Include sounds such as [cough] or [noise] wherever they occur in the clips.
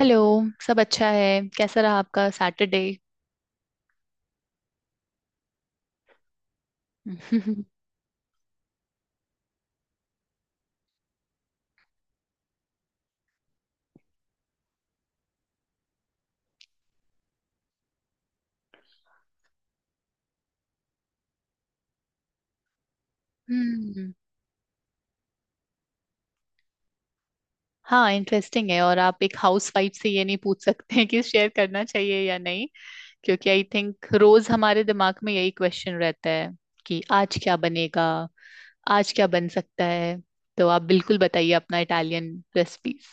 Hello. सब अच्छा है। कैसा रहा आपका सैटरडे? [laughs] हम्म। हाँ, इंटरेस्टिंग है। और आप एक हाउस वाइफ से ये नहीं पूछ सकते हैं कि शेयर करना चाहिए या नहीं, क्योंकि आई थिंक रोज हमारे दिमाग में यही क्वेश्चन रहता है कि आज क्या बनेगा, आज क्या बन सकता है। तो आप बिल्कुल बताइए अपना इटालियन रेसिपीज।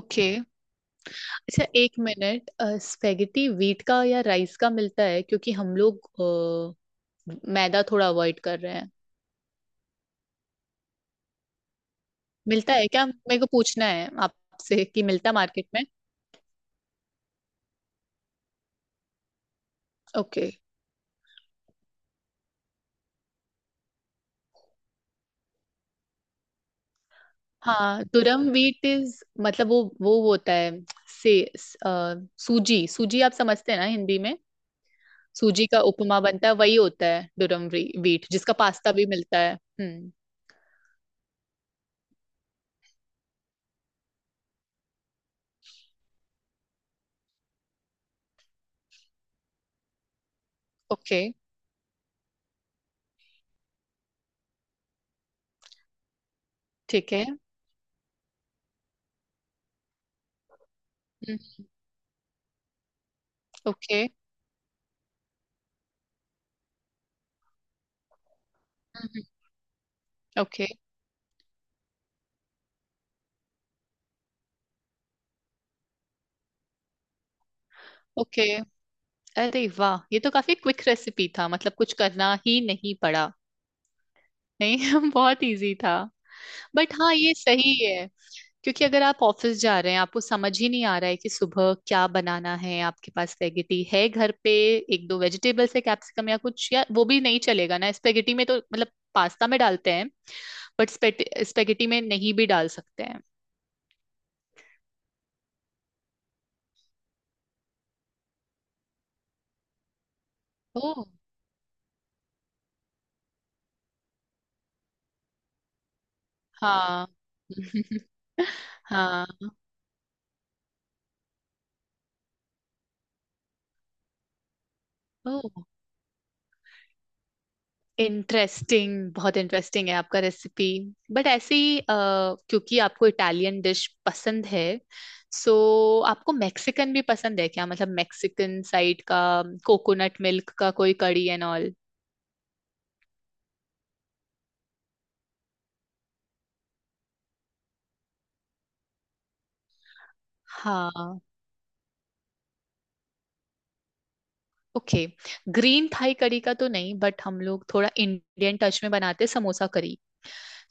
ओके। अच्छा, एक मिनट। स्पेगेटी वीट का या राइस का मिलता है, क्योंकि हम लोग मैदा थोड़ा अवॉइड कर रहे हैं। मिलता है क्या, मेरे को पूछना है आपसे कि मिलता मार्केट में। ओके। हाँ, दुरम व्हीट इज मतलब वो होता है से सूजी सूजी आप समझते हैं ना हिंदी में। सूजी का उपमा बनता है, वही होता है दुरम व्हीट जिसका पास्ता भी मिलता है। हम्म। ओके। ठीक है। हम्म। ओके। हम्म। ओके। ओके। अरे वाह, ये तो काफी क्विक रेसिपी था, मतलब कुछ करना ही नहीं पड़ा। नहीं [laughs] बहुत इजी था। बट हाँ, ये सही है। क्योंकि अगर आप ऑफिस जा रहे हैं, आपको समझ ही नहीं आ रहा है कि सुबह क्या बनाना है, आपके पास स्पेगेटी है घर पे, एक दो वेजिटेबल्स है, कैप्सिकम या कुछ, या वो भी नहीं चलेगा ना स्पेगेटी में, तो मतलब पास्ता में डालते हैं, बट स्पेगेटी में नहीं भी डाल सकते हैं। ओ। हाँ। [laughs] हाँ। ओ, इंटरेस्टिंग, बहुत इंटरेस्टिंग है आपका रेसिपी। बट ऐसे ही क्योंकि आपको इटालियन डिश पसंद है, सो आपको मैक्सिकन भी पसंद है क्या, मतलब मैक्सिकन साइड का कोकोनट मिल्क का कोई कड़ी एंड ऑल। हाँ। ओके। ग्रीन थाई कड़ी का तो नहीं, बट हम लोग थोड़ा इंडियन टच में बनाते हैं, samosa curry.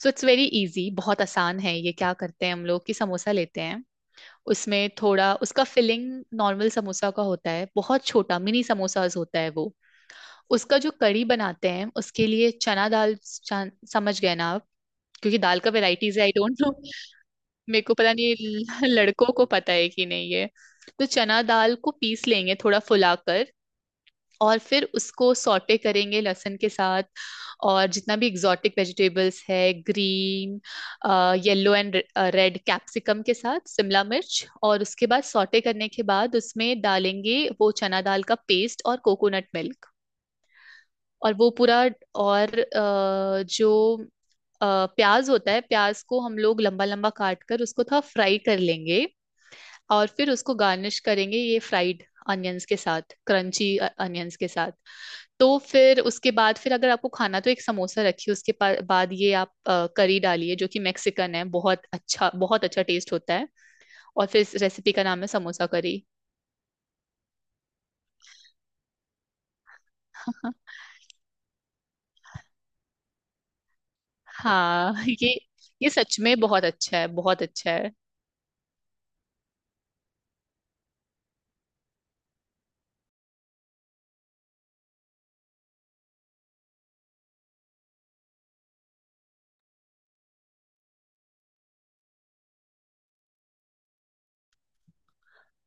So it's very easy, बहुत आसान है। ये क्या करते हैं हम लोग कि समोसा लेते हैं, उसमें थोड़ा उसका फिलिंग नॉर्मल समोसा का होता है, बहुत छोटा मिनी समोसाज होता है वो। उसका जो करी बनाते हैं उसके लिए चना दाल समझ गए ना आप, क्योंकि दाल का वेराइटीज है, आई डोंट नो। मेरे को पता नहीं लड़कों को पता है कि नहीं ये। तो चना दाल को पीस लेंगे थोड़ा फुलाकर, और फिर उसको सॉटे करेंगे लहसुन के साथ, और जितना भी एग्जॉटिक वेजिटेबल्स है, green, yellow and red capsicum के साथ, शिमला मिर्च, और उसके बाद सॉटे करने के बाद उसमें डालेंगे वो चना दाल का पेस्ट और कोकोनट मिल्क, और वो पूरा। और जो प्याज होता है, प्याज को हम लोग लंबा लंबा काट कर उसको थोड़ा फ्राई कर लेंगे, और फिर उसको गार्निश करेंगे ये फ्राइड अनियंस के साथ, क्रंची अनियंस के साथ। तो फिर उसके बाद, फिर अगर आपको खाना, तो एक समोसा रखिए उसके बाद ये आप करी डालिए, जो कि मैक्सिकन है, बहुत अच्छा टेस्ट होता है। और फिर इस रेसिपी का नाम है समोसा करी। [laughs] हाँ, ये ये सच में बहुत अच्छा है, बहुत अच्छा है।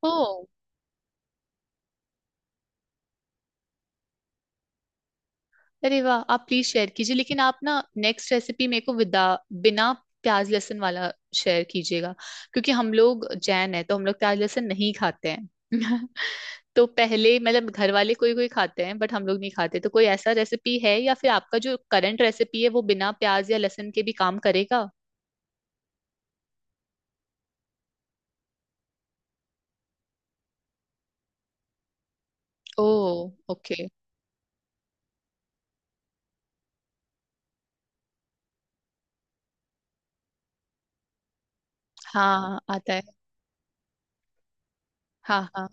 ओ। अरे वाह, आप प्लीज शेयर कीजिए, लेकिन आप ना नेक्स्ट रेसिपी मेरे को विदा बिना प्याज लहसुन वाला शेयर कीजिएगा, क्योंकि हम लोग जैन है तो हम लोग प्याज लहसुन नहीं खाते हैं [laughs] तो पहले मतलब घर वाले कोई कोई खाते हैं, बट हम लोग नहीं खाते। तो कोई ऐसा रेसिपी है, या फिर आपका जो करंट रेसिपी है वो बिना प्याज या लहसुन के भी काम करेगा? ओ। ओके। हाँ, आता है। हाँ हाँ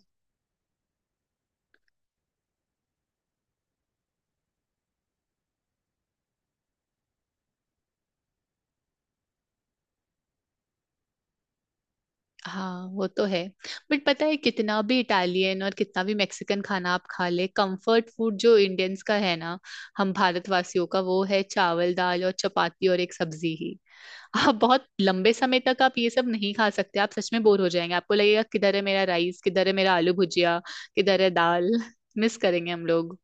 हाँ। वो तो है, बट पता है कितना भी इटालियन और कितना भी मैक्सिकन खाना आप खा ले, कंफर्ट फूड जो इंडियंस का है ना, हम भारतवासियों का, वो है चावल दाल और चपाती और एक सब्जी ही। आप बहुत लंबे समय तक आप ये सब नहीं खा सकते, आप सच में बोर हो जाएंगे, आपको लगेगा किधर है मेरा राइस, किधर है मेरा आलू भुजिया, किधर है दाल [laughs] मिस करेंगे हम लोग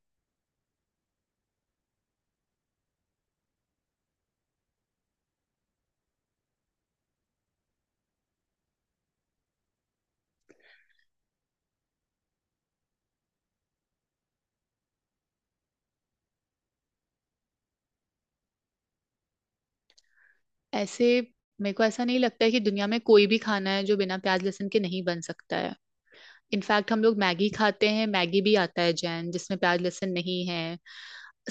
ऐसे। मेरे को ऐसा नहीं लगता है कि दुनिया में कोई भी खाना है जो बिना प्याज लहसुन के नहीं बन सकता है। इनफैक्ट हम लोग मैगी खाते हैं, मैगी भी आता है जैन, जिसमें प्याज लहसुन नहीं है।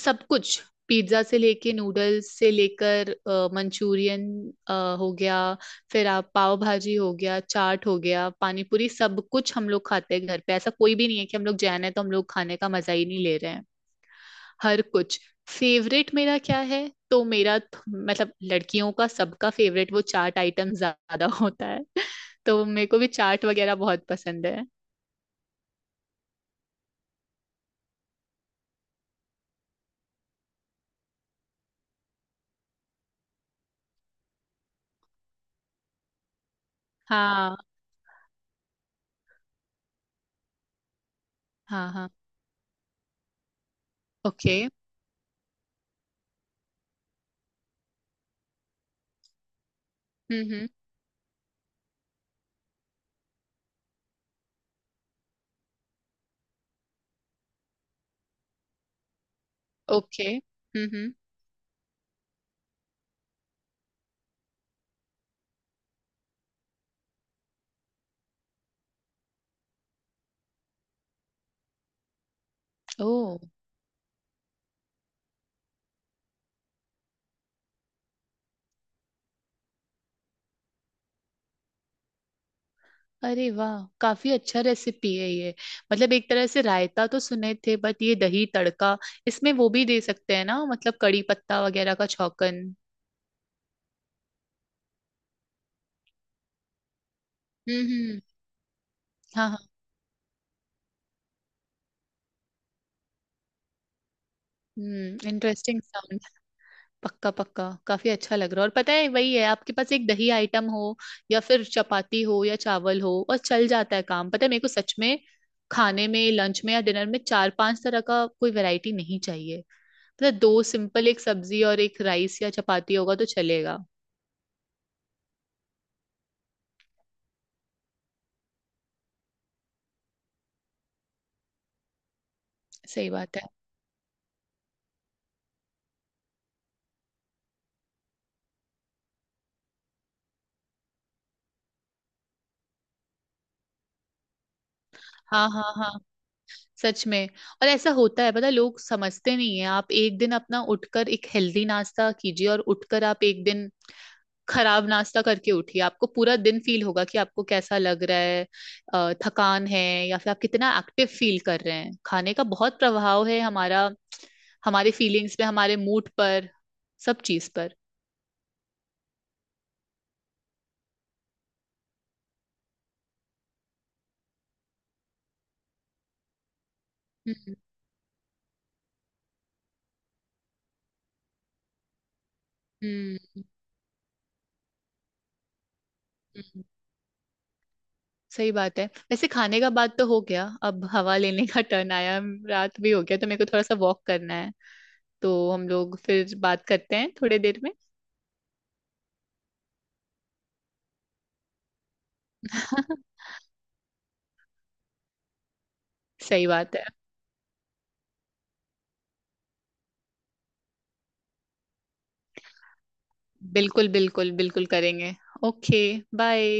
सब कुछ, पिज्जा से लेके नूडल्स से लेकर मंचूरियन, अ, हो गया। फिर आप पाव भाजी हो गया, चाट हो गया, पानी पूरी, सब कुछ हम लोग खाते हैं घर पे। ऐसा कोई भी नहीं है कि हम लोग जैन है तो हम लोग खाने का मजा ही नहीं ले रहे हैं, हर कुछ। फेवरेट मेरा क्या है, तो मेरा मतलब लड़कियों का सबका फेवरेट वो चाट आइटम ज्यादा होता है [laughs] तो मेरे को भी चाट वगैरह बहुत पसंद है। हाँ हाँ हाँ। ओके। हम्म। ओके। हम्म। ओ। अरे वाह, काफी अच्छा रेसिपी है ये। मतलब एक तरह से रायता तो सुने थे, बट ये दही तड़का, इसमें वो भी दे सकते हैं ना मतलब, कड़ी पत्ता वगैरह का छौंकन? हम्म। हाँ हाँ। हम्म, इंटरेस्टिंग साउंड। पक्का पक्का, काफी अच्छा लग रहा है। और पता है वही है, आपके पास एक दही आइटम हो या फिर चपाती हो या चावल हो और चल जाता है काम। पता है मेरे को, सच में खाने में, लंच में या डिनर में, चार पांच तरह का कोई वैरायटी नहीं चाहिए। मतलब दो सिंपल, एक सब्जी और एक राइस या चपाती होगा तो चलेगा। सही बात है। हाँ हाँ हाँ। सच में। और ऐसा होता है, पता है, लोग समझते नहीं है। आप एक दिन अपना उठकर एक हेल्दी नाश्ता कीजिए, और उठकर आप एक दिन खराब नाश्ता करके उठिए, आपको पूरा दिन फील होगा कि आपको कैसा लग रहा है, थकान है, या फिर आप कितना एक्टिव फील कर रहे हैं। खाने का बहुत प्रभाव है हमारा, हमारे फीलिंग्स पे, हमारे मूड पर, सब चीज पर। हम्म हम्म। हम्म। सही बात है। वैसे खाने का बात तो हो गया, अब हवा लेने का टर्न आया। रात भी हो गया, तो मेरे को थोड़ा सा वॉक करना है, तो हम लोग फिर बात करते हैं थोड़ी देर में। [laughs] सही बात है। बिल्कुल बिल्कुल बिल्कुल करेंगे। ओके। बाय।